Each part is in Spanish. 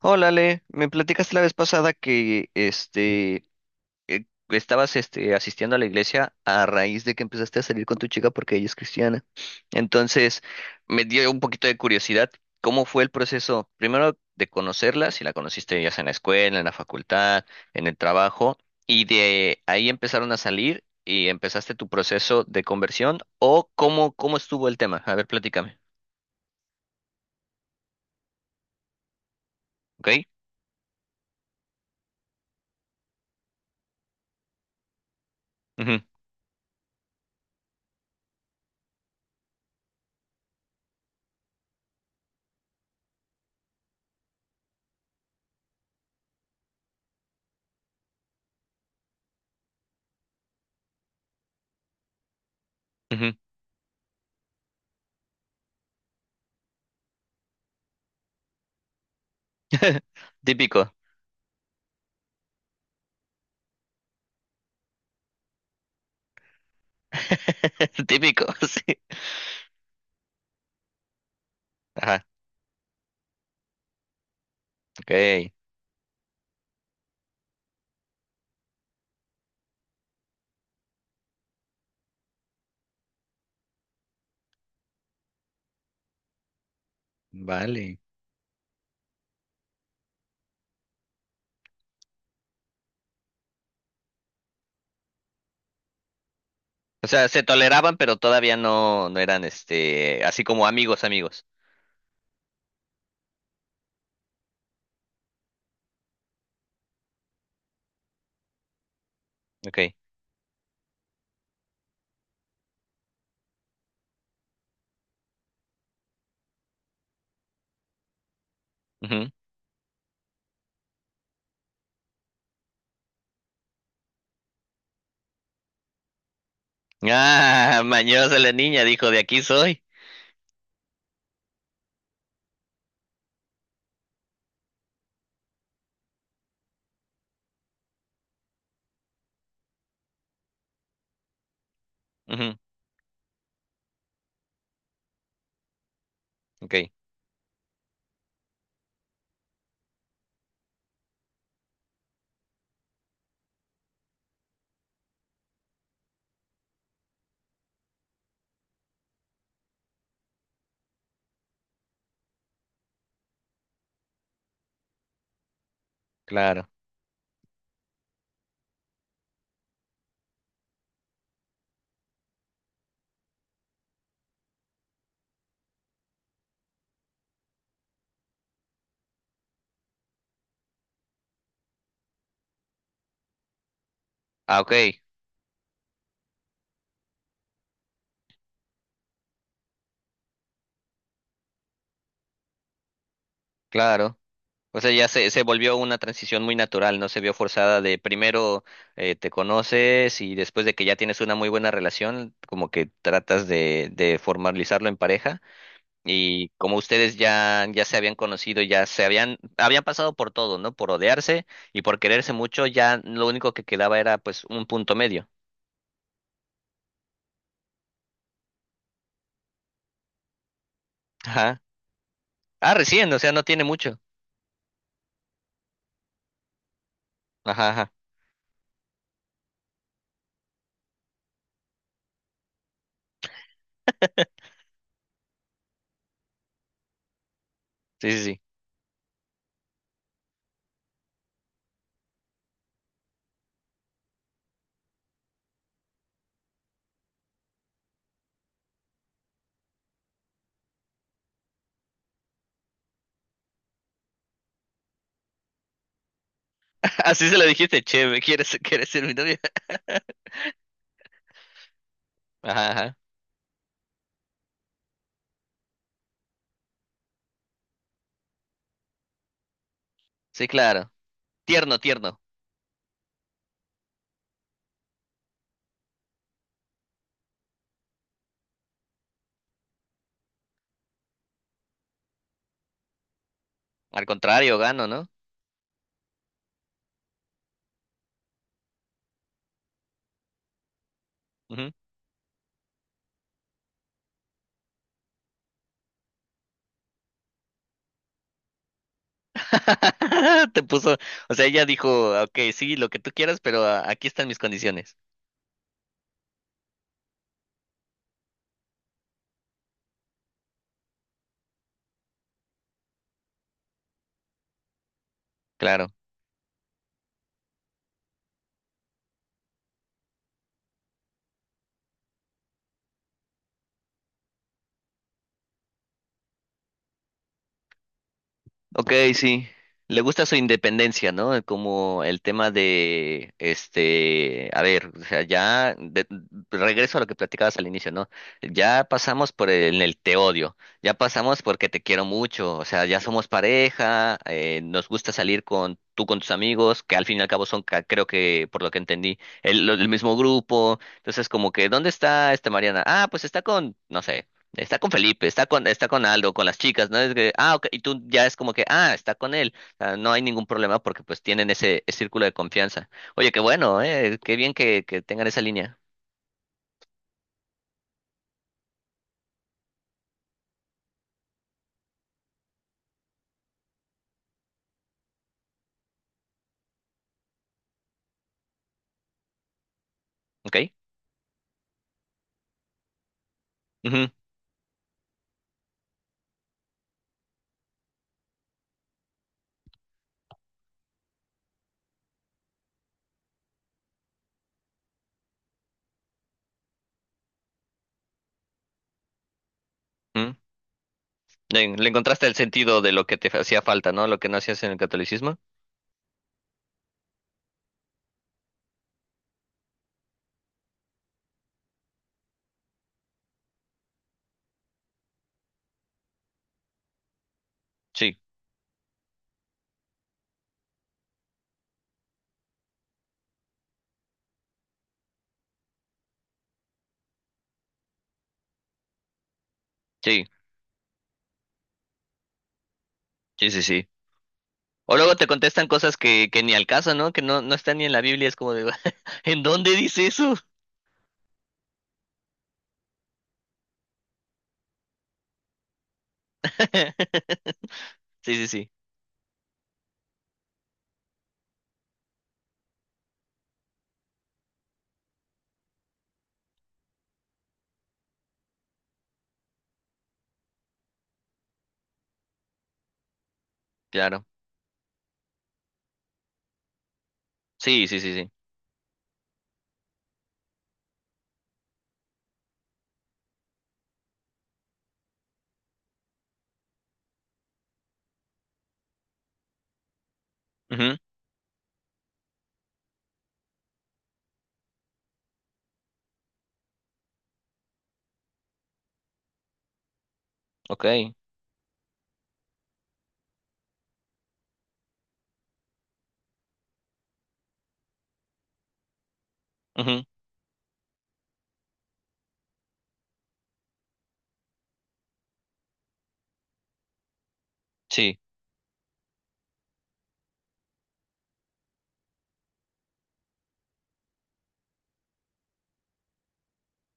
Hola, Ale, me platicaste la vez pasada que estabas asistiendo a la iglesia a raíz de que empezaste a salir con tu chica porque ella es cristiana. Entonces, me dio un poquito de curiosidad, ¿cómo fue el proceso? Primero de conocerla, si la conociste ya sea en la escuela, en la facultad, en el trabajo, y de ahí empezaron a salir y empezaste tu proceso de conversión o cómo estuvo el tema. A ver, platícame, ¿ok? Ujú, ujú. Típico. Típico, sí. Ajá, ok, vale. O sea, se toleraban, pero todavía no eran, este, así como amigos, amigos. Ok, ujú. Ah, mañosa la niña, dijo, de aquí soy. Ujú, ok, claro. Ah, ok, claro. O sea, ya se volvió una transición muy natural, no se vio forzada de primero te conoces y después de que ya tienes una muy buena relación, como que tratas de formalizarlo en pareja. Y como ustedes ya, ya se habían conocido, ya se habían, habían pasado por todo, ¿no? Por odiarse y por quererse mucho, ya lo único que quedaba era pues un punto medio. Ajá. Ah, recién, o sea, no tiene mucho. Ajá, ajá. Sí, sí, sí. Así se lo dijiste, che, ¿me ¿quieres, quieres ser mi novia? Ajá, ajá. Sí, claro. Tierno, tierno. Al contrario, gano, ¿no? Ujú. Te puso, o sea, ella dijo, ok, sí, lo que tú quieras, pero ah, aquí están mis condiciones. Claro. Ok, sí. Le gusta su independencia, ¿no? Como el tema de, este, a ver, o sea, ya de- regreso a lo que platicabas al inicio, ¿no? Ya pasamos por el te odio, ya pasamos porque te quiero mucho, o sea, ya somos pareja, nos gusta salir con tú con tus amigos, que al fin y al cabo son, ca- creo que por lo que entendí, el, lo- el mismo grupo, entonces como que, ¿dónde está esta Mariana? Ah, pues está con, no sé. Está con Felipe, está con Aldo, con las chicas, ¿no? Es que, ah, ok, y tú ya es como que, ah, está con él, ah, no hay ningún problema porque pues tienen ese, ese círculo de confianza. Oye, qué bueno, qué bien que tengan esa línea, ¿ok? Ujú, ujú. Le encontraste el sentido de lo que te hacía falta, ¿no? Lo que no hacías en el catolicismo. Sí, sí, sí, sí, sí. O luego te contestan cosas que ni al caso, ¿no? Que no, no están ni en la Biblia, es como de, ¿en dónde dice eso? Sí, sí, sí, claro. Sí, sí, sí, sí. Ujú, ok. Ujú. Sí,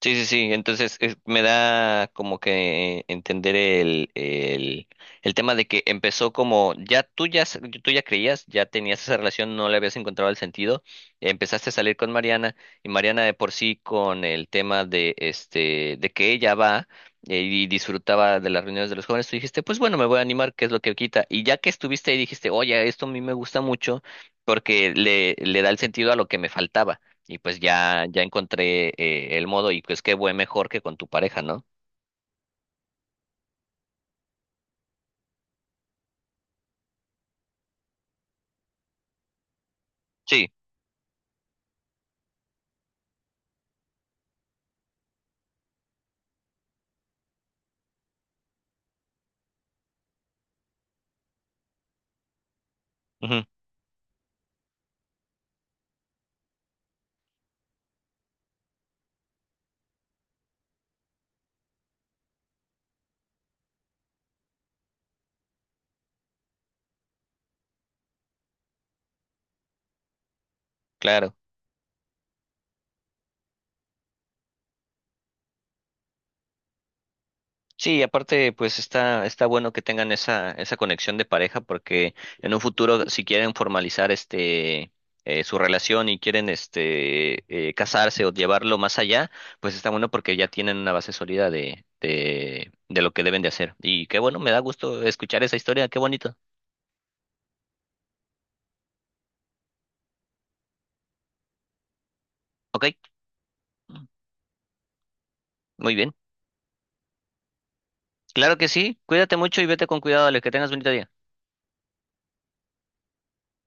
sí, sí, sí. Entonces es- me da como que entender el tema de que empezó como ya tú ya, s- tú ya creías, ya tenías esa relación, no le habías encontrado el sentido. Empezaste a salir con Mariana y Mariana de por sí con el tema de este de que ella va y disfrutaba de las reuniones de los jóvenes, tú dijiste, pues bueno, me voy a animar, ¿qué es lo que quita? Y ya que estuviste ahí dijiste, oye, esto a mí me gusta mucho porque le da el sentido a lo que me faltaba. Y pues ya, ya encontré el modo y pues qué buen mejor que con tu pareja, ¿no? Sí, ujú, claro. Sí, y aparte pues está, está bueno que tengan esa, esa conexión de pareja porque en un futuro si quieren formalizar este su relación y quieren este casarse o llevarlo más allá, pues está bueno porque ya tienen una base sólida de lo que deben de hacer. Y qué bueno, me da gusto escuchar esa historia, qué bonito. Ok, muy bien. Claro que sí, cuídate mucho y vete con cuidado, Ale, que tengas bonito día.